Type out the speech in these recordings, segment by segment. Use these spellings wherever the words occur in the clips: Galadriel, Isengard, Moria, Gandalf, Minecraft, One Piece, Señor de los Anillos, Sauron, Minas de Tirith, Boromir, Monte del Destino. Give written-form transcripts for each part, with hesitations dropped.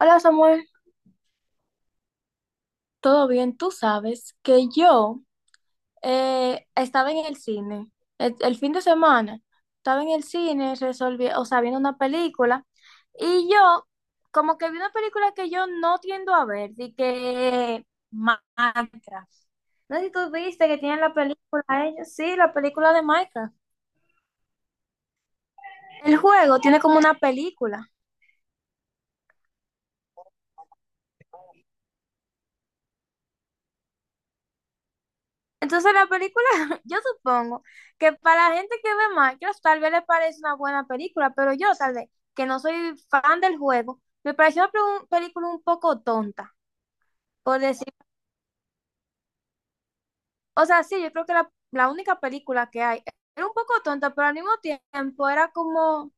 Hola Samuel, ¿todo bien? Tú sabes que yo estaba en el cine el fin de semana, estaba en el cine resolviendo, o sea, viendo una película y yo como que vi una película que yo no tiendo a ver, de que Minecraft. No sé si tú viste que tienen la película ellos, sí, la película de Minecraft. El juego tiene como una película. Entonces la película, yo supongo que para la gente que ve Minecraft tal vez le parece una buena película, pero yo tal vez, que no soy fan del juego, me pareció una película un poco tonta, por decir, o sea, sí, yo creo que la única película que hay era un poco tonta, pero al mismo tiempo era como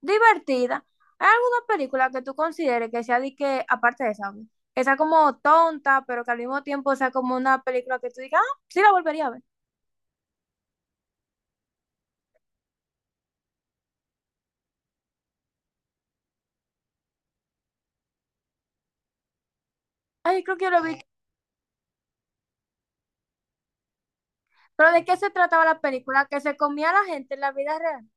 divertida. ¿Hay alguna película que tú consideres que sea de que, aparte de esa, obvio, que sea como tonta, pero que al mismo tiempo sea como una película que tú digas, ah, sí la volvería a ver? Ay, creo que yo lo vi. Pero ¿de qué se trataba la película? Que se comía a la gente en la vida real.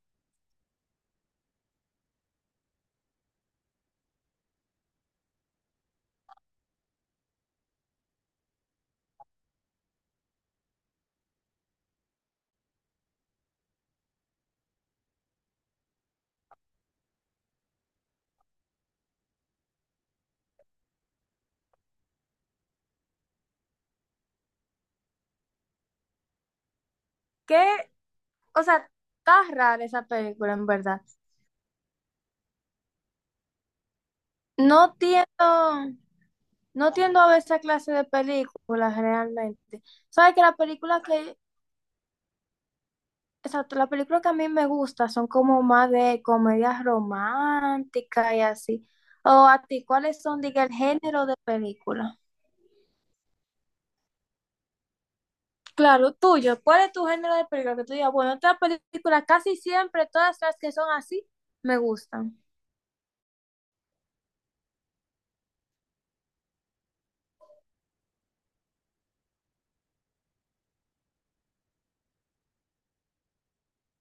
¿Qué? O sea, está rara esa película, en verdad. No tiendo, no tiendo a ver esa clase de películas realmente. Sabes que las películas que, exacto, las películas que a mí me gustan son como más de comedias románticas y así. O a ti, ¿cuáles son, diga, el género de película? Claro, tuyo. ¿Cuál es tu género de película? Que tú digas, bueno, estas películas casi siempre, todas las que son así, me gustan.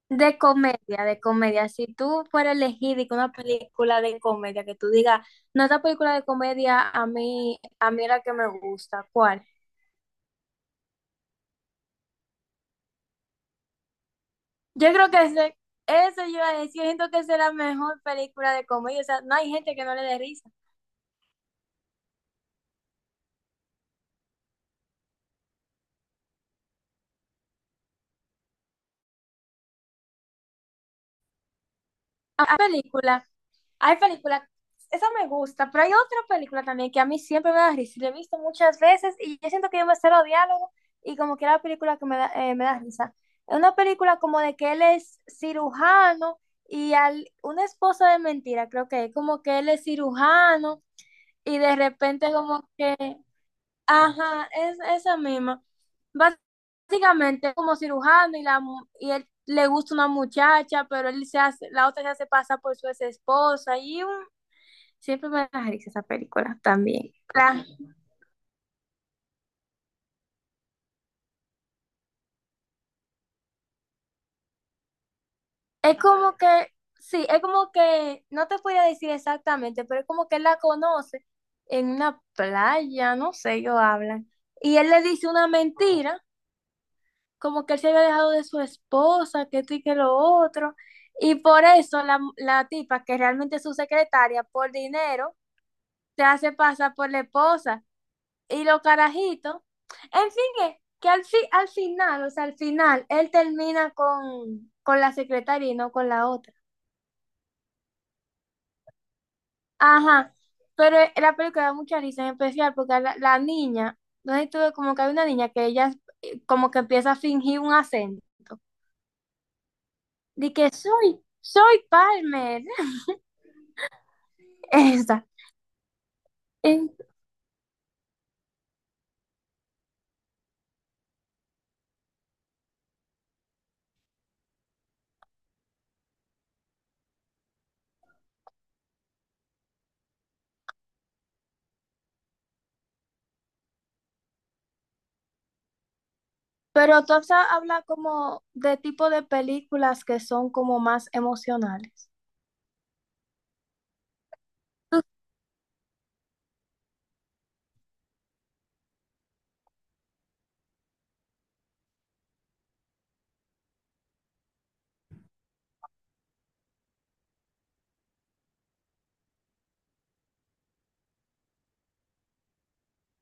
De comedia, de comedia. Si tú fueras elegir y que una película de comedia que tú digas, no, esta película de comedia a mí era que me gusta, ¿cuál? Yo creo que ese, eso yo iba a decir, yo siento que esa es la mejor película de comedia, o sea, no hay gente que no le dé risa. A película. Hay películas, esa me gusta, pero hay otra película también que a mí siempre me da risa. Y la he visto muchas veces y yo siento que yo me cero diálogo y como que es la película que me da risa. Es una película como de que él es cirujano y al, una esposa de mentira, creo que es como que él es cirujano y de repente como que, ajá, es esa misma. Básicamente es como cirujano y, la, y él le gusta una muchacha, pero él se hace, la otra se hace pasar por su ex esposa y siempre me las hice esas películas también. La- es como que, sí, es como que, no te podría decir exactamente, pero es como que él la conoce en una playa, no sé, ellos hablan. Y él le dice una mentira, como que él se había dejado de su esposa, que esto y que lo otro. Y por eso la tipa, que realmente es su secretaria, por dinero, se hace pasar por la esposa. Y los carajitos. En fin, es que al final, o sea, al final, él termina con la secretaria y no con la otra. Ajá, pero la película da mucha risa en especial porque a la niña, no sé si tú ves como que hay una niña que ella como que empieza a fingir un acento. De que soy, soy Palmer. Esa. Eh, Pero tú has habla como de tipo de películas que son como más emocionales.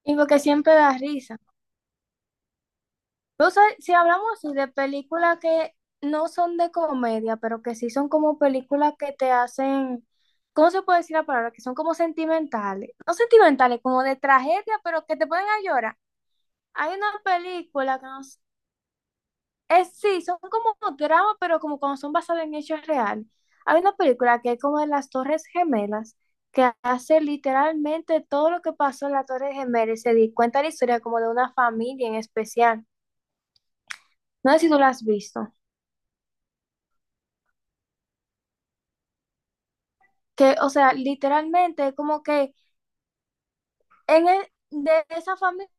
Y porque siempre da risa. No sé, si hablamos así de películas que no son de comedia, pero que sí son como películas que te hacen, ¿cómo se puede decir la palabra? Que son como sentimentales. No sentimentales, como de tragedia, pero que te ponen a llorar. Hay una película que no s- es, sí, son como dramas, pero como cuando son basadas en hechos reales. Hay una película que es como de las Torres Gemelas, que hace literalmente todo lo que pasó en las Torres Gemelas y se di cuenta de la historia como de una familia en especial. No sé si tú la has visto. Que, o sea, literalmente como que en el, de esa familia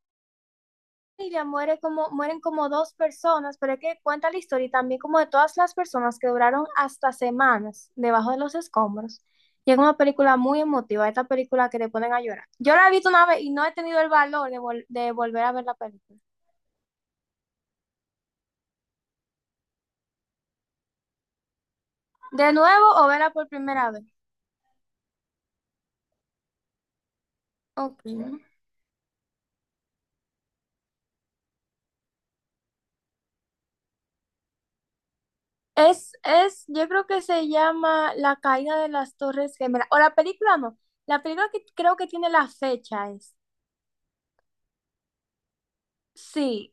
muere como, mueren como dos personas, pero es que cuenta la historia y también como de todas las personas que duraron hasta semanas debajo de los escombros. Y es una película muy emotiva, esta película que te ponen a llorar. Yo la he visto una vez y no he tenido el valor de, vol de volver a ver la película. De nuevo o verla por primera vez. Okay. Es, yo creo que se llama La caída de las Torres Gemelas. O la película no. La película que creo que tiene la fecha es. Sí,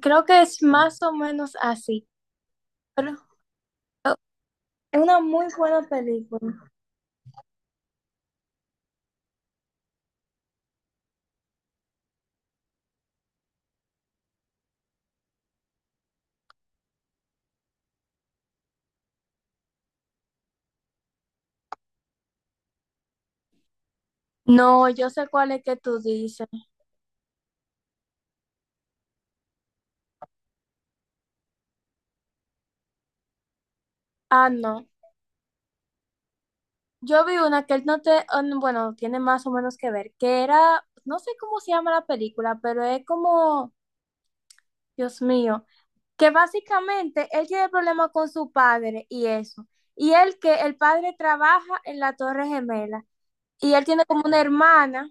creo que es más o menos así. Pero oh, es una muy buena película. No, yo sé cuál es que tú dices. Ah, no. Yo vi una que no te, ah, no, bueno, tiene más o menos que ver, que era, no sé cómo se llama la película, pero es como, Dios mío. Que básicamente él tiene problemas con su padre y eso. Y él que el padre trabaja en la Torre Gemela y él tiene como una hermana,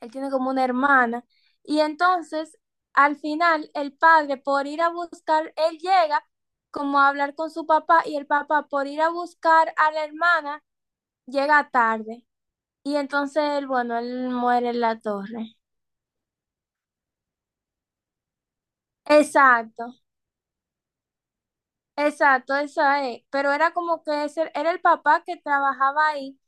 él tiene como una hermana. Y entonces, al final, el padre por ir a buscar, él llega como a hablar con su papá y el papá por ir a buscar a la hermana llega tarde. Y entonces, él, bueno, él muere en la torre. Exacto, exacto, eso es. Pero era como que ese, era el papá que trabajaba ahí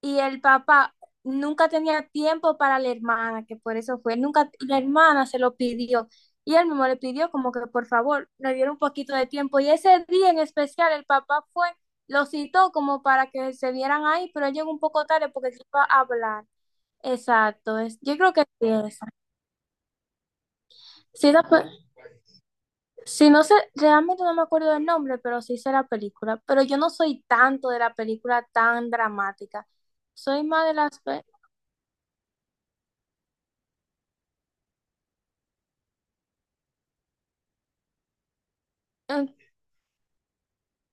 y el papá nunca tenía tiempo para la hermana, que por eso fue, nunca la hermana se lo pidió y él mismo le pidió como que por favor le diera un poquito de tiempo y ese día en especial el papá fue, lo citó como para que se vieran ahí, pero él llegó un poco tarde porque se iba a hablar. Exacto, es, yo creo que sí es. Sí, la sí, no sé, realmente no me acuerdo del nombre, pero sí sé la película. Pero yo no soy tanto de la película tan dramática. Soy más de las...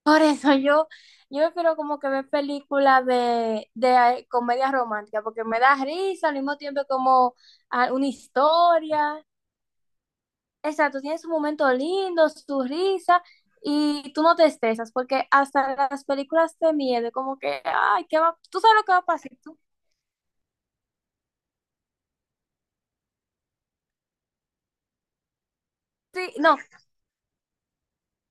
Por eso yo, yo prefiero como que ver películas de comedia romántica, porque me da risa, al mismo tiempo como ah, una historia. Exacto, tiene su momento lindo, su risa, y tú no te estresas, porque hasta las películas de miedo, como que, ay, ¿qué va? ¿Tú sabes lo que va a pasar? ¿Tú? Sí, no,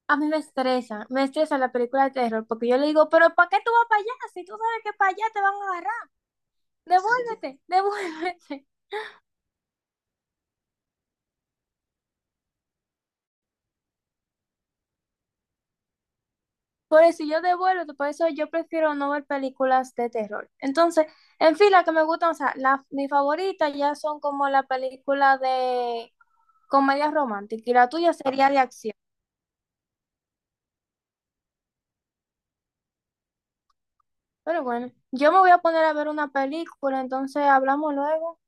a mí me estresa la película de terror, porque yo le digo, pero ¿para qué tú vas para allá? Si tú sabes que para allá te van a agarrar, devuélvete, devuélvete. Por eso yo devuelvo, por eso yo prefiero no ver películas de terror. Entonces, en fin, las que me gustan, o sea, la, mi favorita ya son como la película de comedia romántica y la tuya sería de acción. Pero bueno, yo me voy a poner a ver una película, entonces hablamos luego.